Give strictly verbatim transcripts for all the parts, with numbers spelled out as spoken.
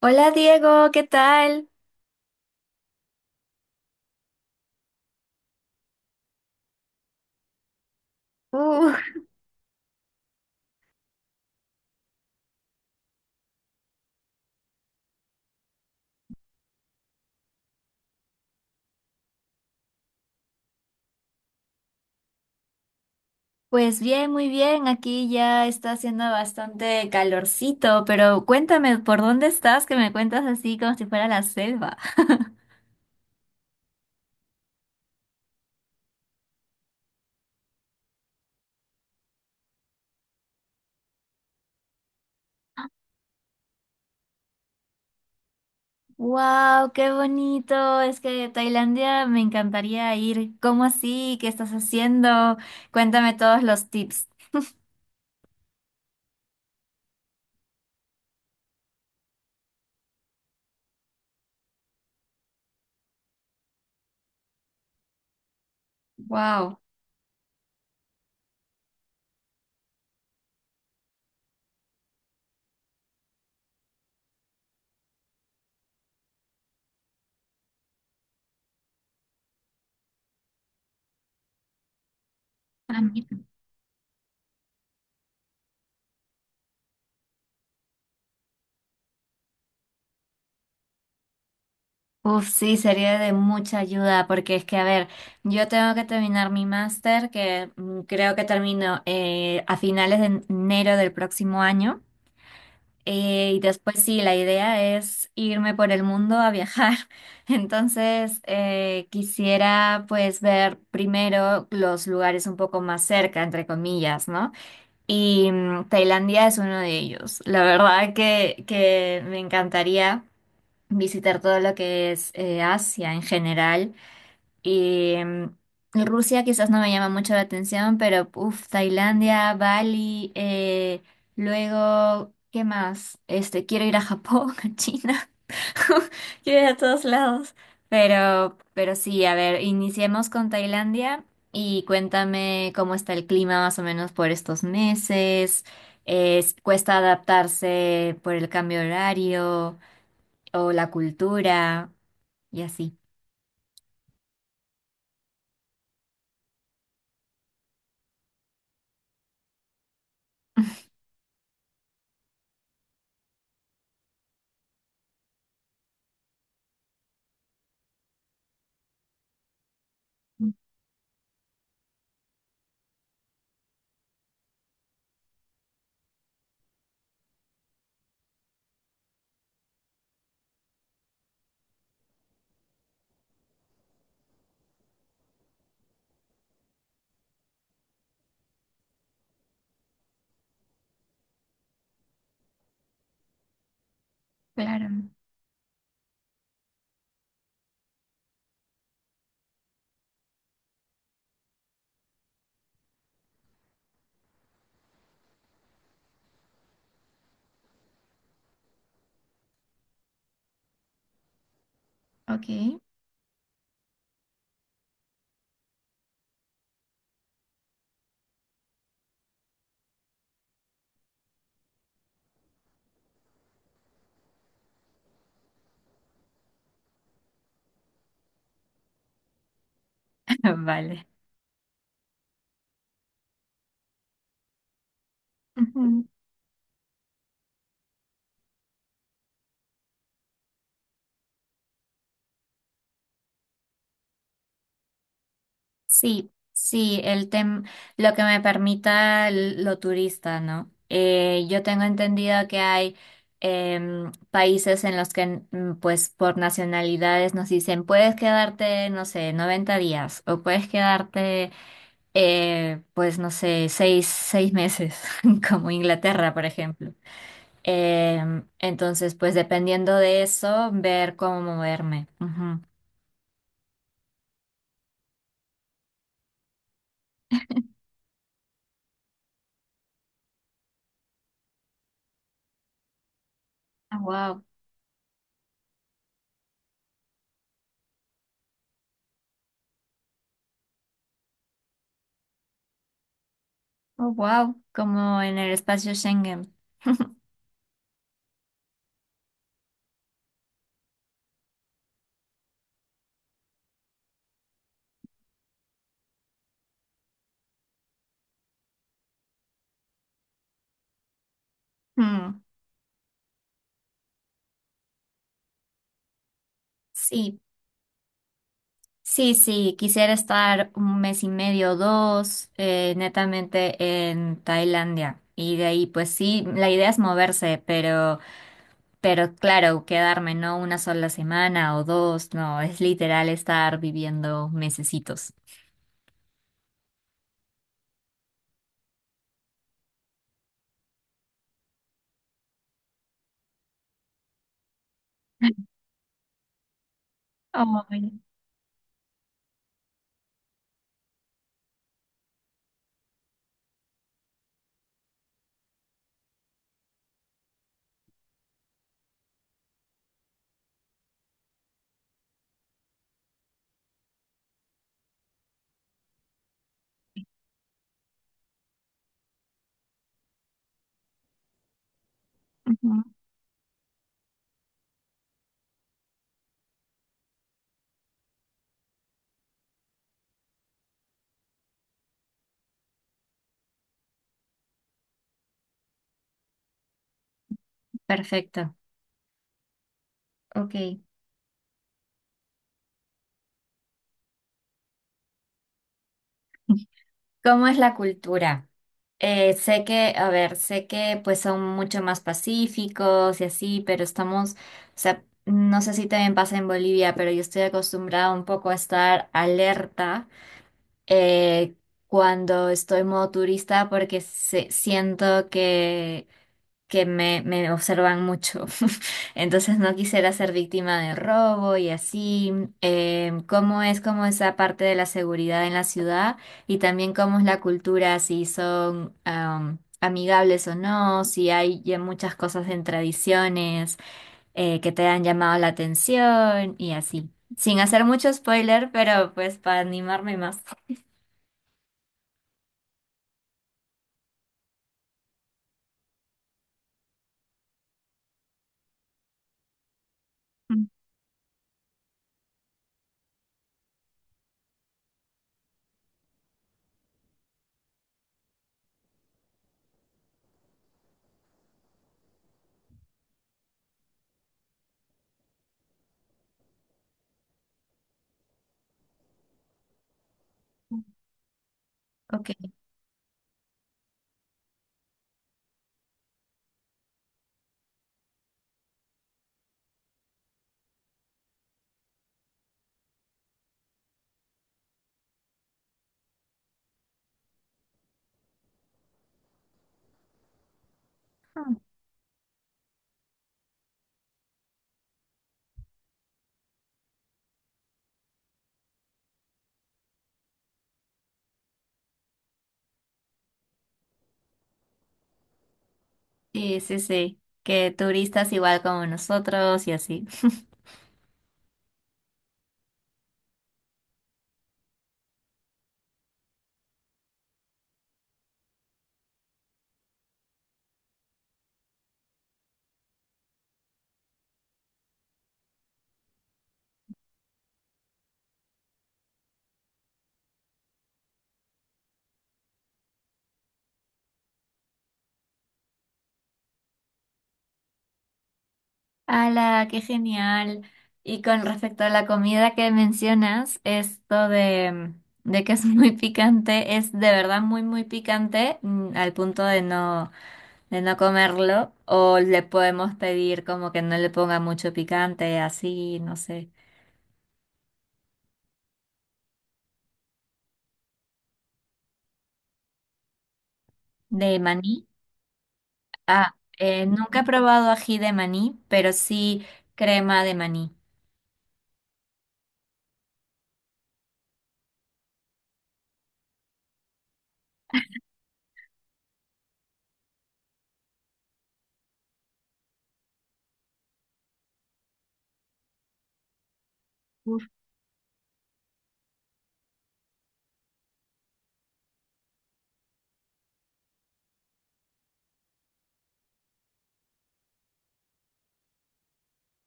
Hola Diego, ¿qué tal? Uh, pues bien, muy bien. Aquí ya está haciendo bastante calorcito, pero cuéntame, ¿por dónde estás? Que me cuentas así como si fuera la selva. Wow, qué bonito. Es que Tailandia me encantaría ir. ¿Cómo así? ¿Qué estás haciendo? Cuéntame todos los tips. Wow. Uf, sí, sería de mucha ayuda porque es que, a ver, yo tengo que terminar mi máster, que mm, creo que termino eh, a finales de enero del próximo año. Eh, y después sí, la idea es irme por el mundo a viajar. Entonces, eh, quisiera pues ver primero los lugares un poco más cerca, entre comillas, ¿no? Y mm, Tailandia es uno de ellos. La verdad que, que me encantaría visitar todo lo que es eh, Asia en general. Y mm, Rusia quizás no me llama mucho la atención, pero uff, Tailandia, Bali, eh, luego, ¿qué más? Este, quiero ir a Japón, a China, quiero ir a todos lados. Pero, pero sí, a ver, iniciemos con Tailandia y cuéntame cómo está el clima más o menos por estos meses. Es- cuesta adaptarse por el cambio de horario o la cultura y así. Claro, ok. Vale. Ujú. Sí, sí, el tem lo que me permita l- lo turista, ¿no? Eh, yo tengo entendido que hay em, países en los que, mm, pues, por nacionalidades nos dicen, puedes quedarte, no sé, noventa días o puedes quedarte, eh, pues, no sé, seis, seis meses, como Inglaterra, por ejemplo. Em, entonces, pues dependiendo de eso, ver cómo moverme. Ujú. Ah, wow. Oh, wow. Como en el espacio Schengen. Mm. Sí, sí, sí. Quisiera estar un mes y medio, dos, eh, netamente en Tailandia. Y de ahí, pues sí, la idea es moverse, pero, pero claro, quedarme no una sola semana o dos, no, es literal estar viviendo mesecitos. Ay, ujú. Perfecto. Ok. ¿Cómo es la cultura? Eh, sé que, a ver, sé que pues son mucho más pacíficos y así, pero estamos, o sea, no sé si también pasa en Bolivia, pero yo estoy acostumbrada un poco a estar alerta eh, cuando estoy en modo turista porque se- siento que que me, me observan mucho. Entonces no quisiera ser víctima de robo y así. Em, ¿cómo es como esa parte de la seguridad en la ciudad? Y también cómo es la cultura, si son am, amigables o no, si hay ya muchas cosas en tradiciones eh, que te han llamado la atención y así. Sin hacer mucho spoiler, pero pues para animarme más. Mm. Ok. Mm. Sí, sí, sí. Que turistas igual como nosotros y así. ¡Hala! ¡Qué genial! Y con respecto a la comida que mencionas, esto de, de que es muy picante, es de verdad muy, muy picante, mm, al punto de no, de no comerlo, o le podemos pedir como que no le ponga mucho picante, así, no sé. ¿De maní? Ah, eh, nunca he probado ají de maní, pero sí crema de maní.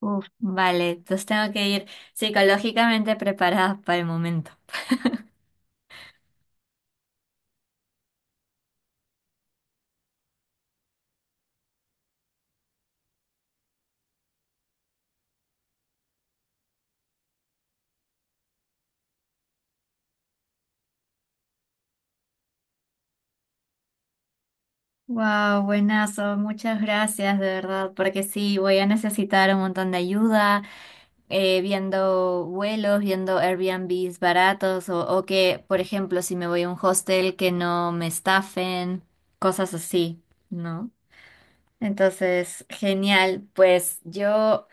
Uf, vale, entonces tengo que ir psicológicamente preparada para el momento. Wow, buenazo, muchas gracias de verdad, porque sí, voy a necesitar un montón de ayuda eh, viendo vuelos, viendo Airbnbs baratos o, o que, por ejemplo, si me voy a un hostel que no me estafen, cosas así, ¿no? Entonces, genial, pues yo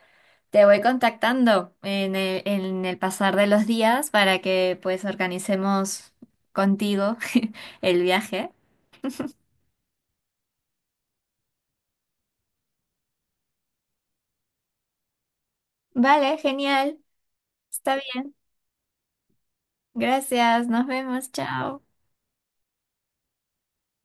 te voy contactando en el, en el pasar de los días para que pues organicemos contigo el viaje. Vale, genial, está bien. Gracias, nos vemos, chao.